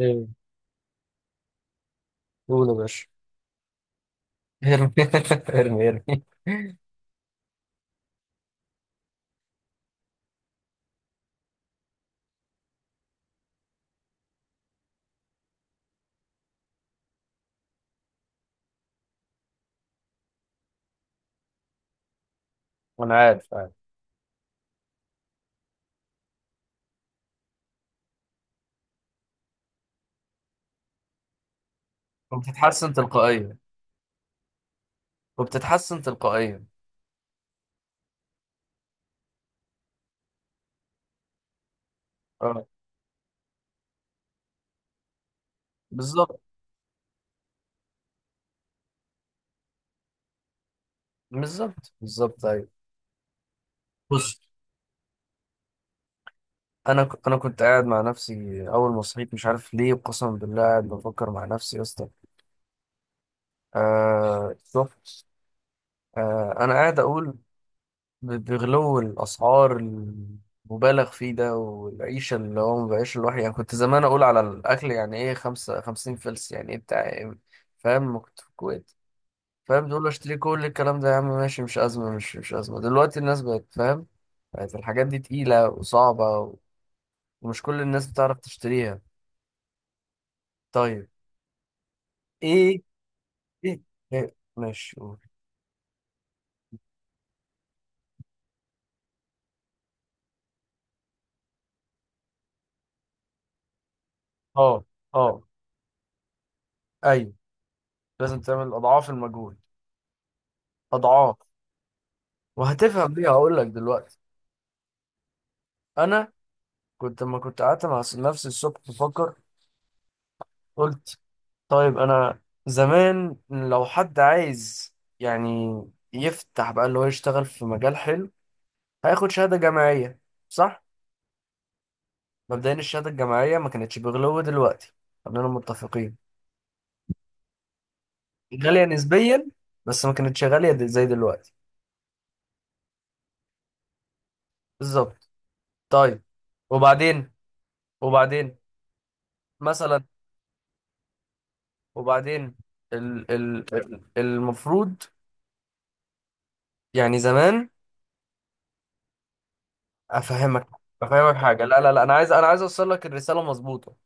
ايه، قول يا باشا. ارمي ارمي، ارمي. انا عارف، عارف. وبتتحسن تلقائيا. وبتتحسن تلقائيا. اه، بالظبط، بالظبط، بالظبط، ايوه. بص. انا كنت قاعد مع نفسي اول ما صحيت، مش عارف ليه قسما بالله قاعد بفكر مع نفسي يا اسطى. شوف. انا قاعد اقول، بغلو الأسعار المبالغ فيه ده والعيشة اللي هو بيعيشها الواحد، يعني كنت زمان أقول على الأكل يعني إيه؟ خمسة خمسين فلس يعني إيه؟ بتاع إيه؟ فاهم؟ ما كنت في الكويت. فاهم؟ تقول له أشتري كل الكلام ده يا عم، ماشي، مش أزمة، مش أزمة. دلوقتي الناس بقت فاهم، بقت الحاجات دي تقيلة وصعبة، ومش كل الناس بتعرف تشتريها. طيب. إيه؟ إيه؟ إيه؟ ماشي، قول. أه، أه، أيوه. لازم تعمل أضعاف المجهود، أضعاف. وهتفهم ليه، هقول لك دلوقتي. انا، كنت لما كنت قعدت مع نفسي الصبح بفكر، قلت طيب، انا زمان لو حد عايز يعني يفتح بقى اللي هو يشتغل في مجال حلو، هياخد شهادة جامعية، صح؟ مبدئيا الشهادة الجامعية ما كانتش بغلو دلوقتي، خلينا متفقين. غالية نسبيا، بس ما كانتش غالية زي دلوقتي. بالظبط. طيب. وبعدين، وبعدين مثلا، وبعدين المفروض، يعني زمان. افهمك، افهمك حاجه، لا لا لا، انا عايز اوصل لك الرساله مظبوطه.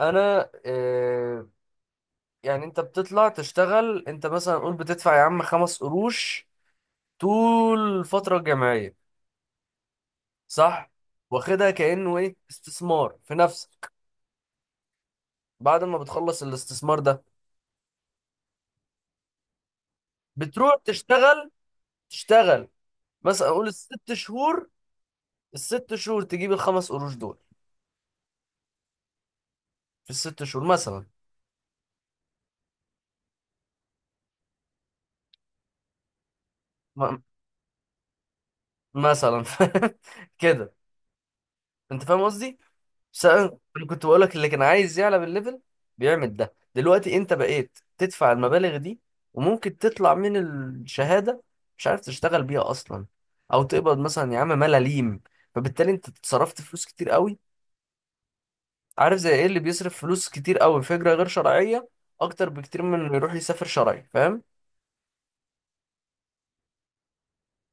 انا، يعني انت بتطلع تشتغل، انت مثلا قول بتدفع يا عم خمس قروش طول الفتره الجامعيه، صح؟ واخدها كانه ايه، استثمار في نفسك. بعد ما بتخلص الاستثمار ده، بتروح تشتغل، تشتغل مثلا قول الست شهور، الست شهور تجيب الخمس قروش دول في الست شهور مثلا. م- مثلا كده. انت فاهم قصدي. بس انا كنت بقول لك اللي كان عايز يعلى بالليفل بيعمل ده. دلوقتي انت بقيت تدفع المبالغ دي، وممكن تطلع من الشهادة مش عارف تشتغل بيها اصلا، او تقبض مثلا يا عم ملاليم. فبالتالي انت اتصرفت فلوس كتير قوي. عارف زي ايه اللي بيصرف فلوس كتير قوي؟ في هجرة غير شرعية، اكتر بكتير من اللي يروح يسافر شرعي، فاهم؟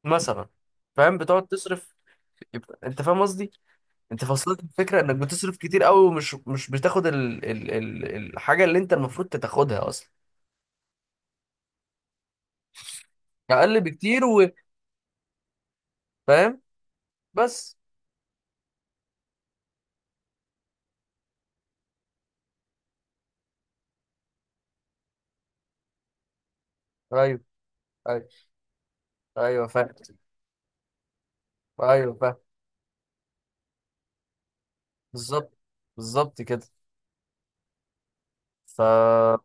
مثلا. فاهم؟ بتقعد تصرف. يبقى انت فاهم قصدي، انت فصلت الفكرة انك بتصرف كتير قوي، ومش مش بتاخد الحاجة اللي انت المفروض تاخدها اصلا. اقل بكتير، وفاهم. بس، ايوه، ايوه، ايوه، فاهم، ايوه، فاهم. بالظبط، بالظبط كده. ف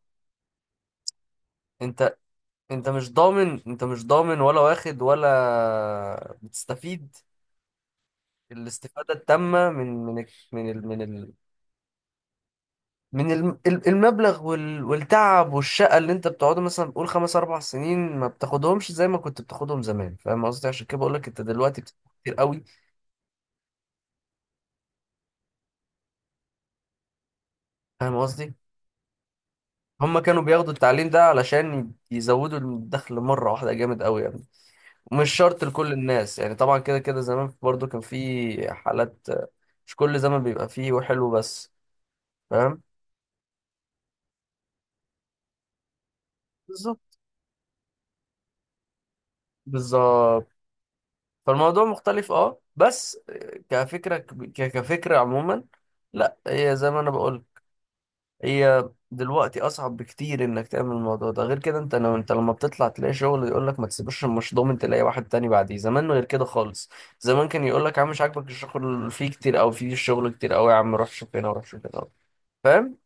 انت انت مش ضامن، انت مش ضامن ولا واخد ولا بتستفيد الاستفادة التامة من من ال- من ال من ال من الم- ال- المبلغ، والتعب والشقة اللي انت بتقعده، مثلا بقول خمس اربع سنين ما بتاخدهمش زي ما كنت بتاخدهم زمان. فاهم قصدي؟ عشان كده بقول لك انت دلوقتي بتاخد كتير قوي. فاهم قصدي؟ هما كانوا بياخدوا التعليم ده علشان يزودوا الدخل مرة واحدة، جامد قوي يعني. ومش شرط لكل الناس يعني، طبعا كده كده زمان برضو كان في حالات. مش كل زمان بيبقى فيه وحلو بس. فاهم؟ بالظبط، بالظبط. فالموضوع مختلف اه، بس كفكرة، كفكرة عموما. لا، هي زي ما انا بقول، هي دلوقتي اصعب بكتير انك تعمل الموضوع ده. غير كده، انت لو انت لما بتطلع تلاقي شغل، يقول لك ما تسيبوش، مش ضامن تلاقي واحد تاني بعديه. زمان غير كده خالص. زمان كان يقول لك يا عم مش عاجبك الشغل، فيه كتير او فيه شغل كتير قوي يا عم، روح شوف هنا وروح شوف هنا، فاهم؟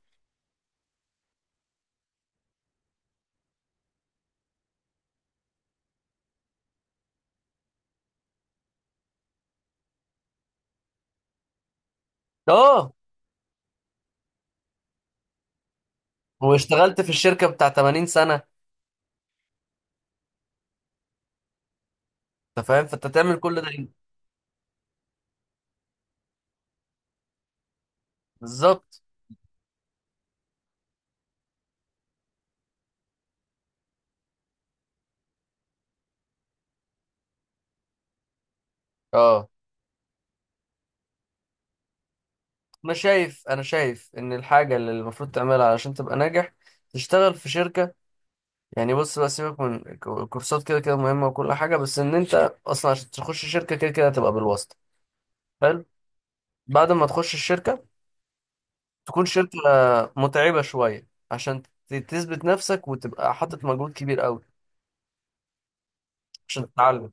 اه. واشتغلت في الشركة بتاع 80 سنة. انت فاهم فانت تعمل كل ده ليه؟ بالظبط. اه، انا شايف، انا شايف ان الحاجة اللي المفروض تعملها علشان تبقى ناجح، تشتغل في شركة. يعني بص بقى، سيبك من الكورسات كده كده مهمة وكل حاجة، بس إن أنت أصلا عشان تخش شركة كده كده هتبقى بالواسطة. حلو. بعد ما تخش الشركة، تكون شركة متعبة شوية عشان تثبت نفسك وتبقى حاطط مجهود كبير قوي. عشان تتعلم.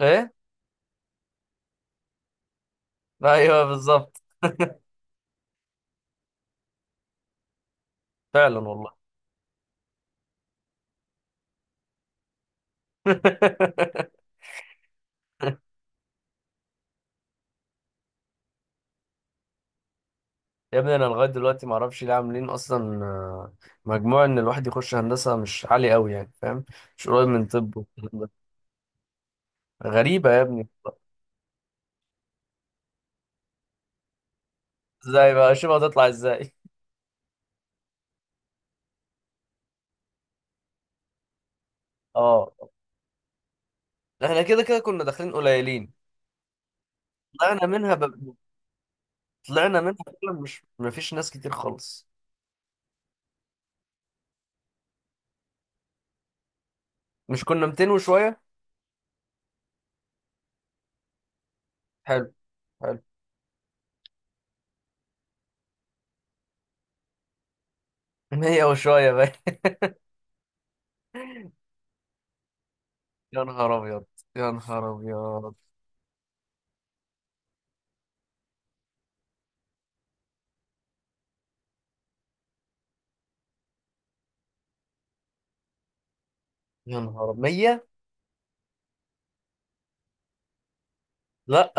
إيه؟ أيوه بالظبط. فعلا والله. يا ابني، أنا لغاية دلوقتي معرفش ليه عاملين أصلا مجموع إن الواحد يخش هندسة مش عالي قوي يعني، فاهم؟ مش قريب من طب والكلام ده. غريبة يا ابني. إزاي بقى؟ شوف هتطلع إزاي. اه. احنا كده كده كنا داخلين قليلين. طلعنا منها ب... طلعنا منها فعلا، مش، مفيش ناس كتير خالص. مش كنا 200 وشوية؟ حلو، حلو. 100 وشوية بقى. يا نهار ابيض، يا نهار ابيض، يا نهار أبيض. 100. لا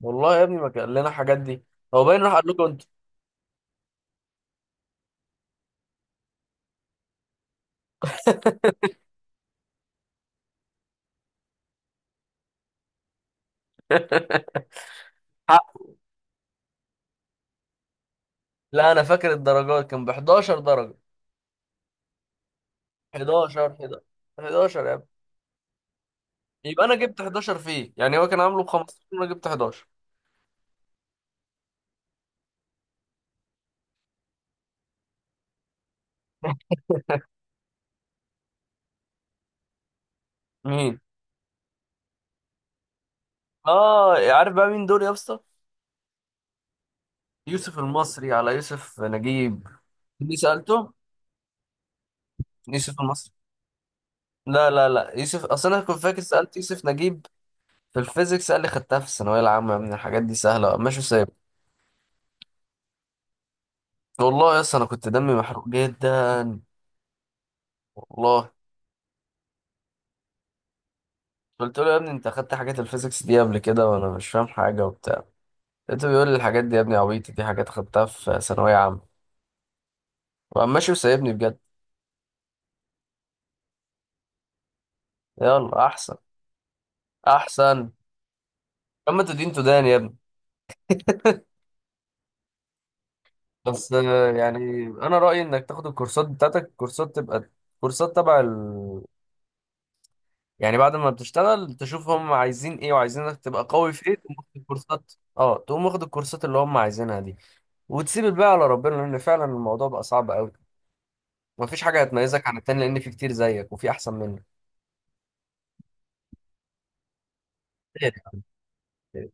والله يا ابني، ما كان لنا الحاجات دي. هو باين راح قال لكم انتوا. حق. لا، انا فاكر الدرجات كان ب 11 درجة. 11، 11، 11 يا ابني. يبقى انا جبت 11 فيه يعني، هو كان عامله ب 15 وانا جبت 11. مين؟ اه. عارف بقى مين دول يا اسطى؟ يوسف المصري على يوسف نجيب. اللي سألته يوسف المصري. لا لا لا، يوسف، اصل انا كنت فاكر سألت يوسف نجيب. في الفيزيكس قال لي خدتها في الثانوية العامة، من الحاجات دي سهلة، ماشي سايب. والله يا اسطى انا كنت دمي محروق جدا. والله قلت له يا ابني، انت خدت حاجات الفيزيكس دي قبل كده وانا مش فاهم حاجة وبتاع. لقيته بيقول لي الحاجات دي يا ابني عبيطة، دي حاجات خدتها في ثانوية عامة. وقام ماشي وسايبني بجد. يلا احسن، احسن. اما تدين تدان يا ابني. بس يعني انا رايي انك تاخد الكورسات بتاعتك، كورسات تبقى كورسات يعني بعد ما بتشتغل تشوف هم عايزين ايه وعايزينك تبقى قوي في ايه، تقوم واخد الكورسات، اه، تقوم واخد الكورسات اللي هم عايزينها دي. وتسيب الباقي على ربنا، لان فعلا الموضوع بقى صعب قوي. مفيش حاجه هتميزك عن التاني، لان في كتير زيك وفي احسن منك كتير. يعني.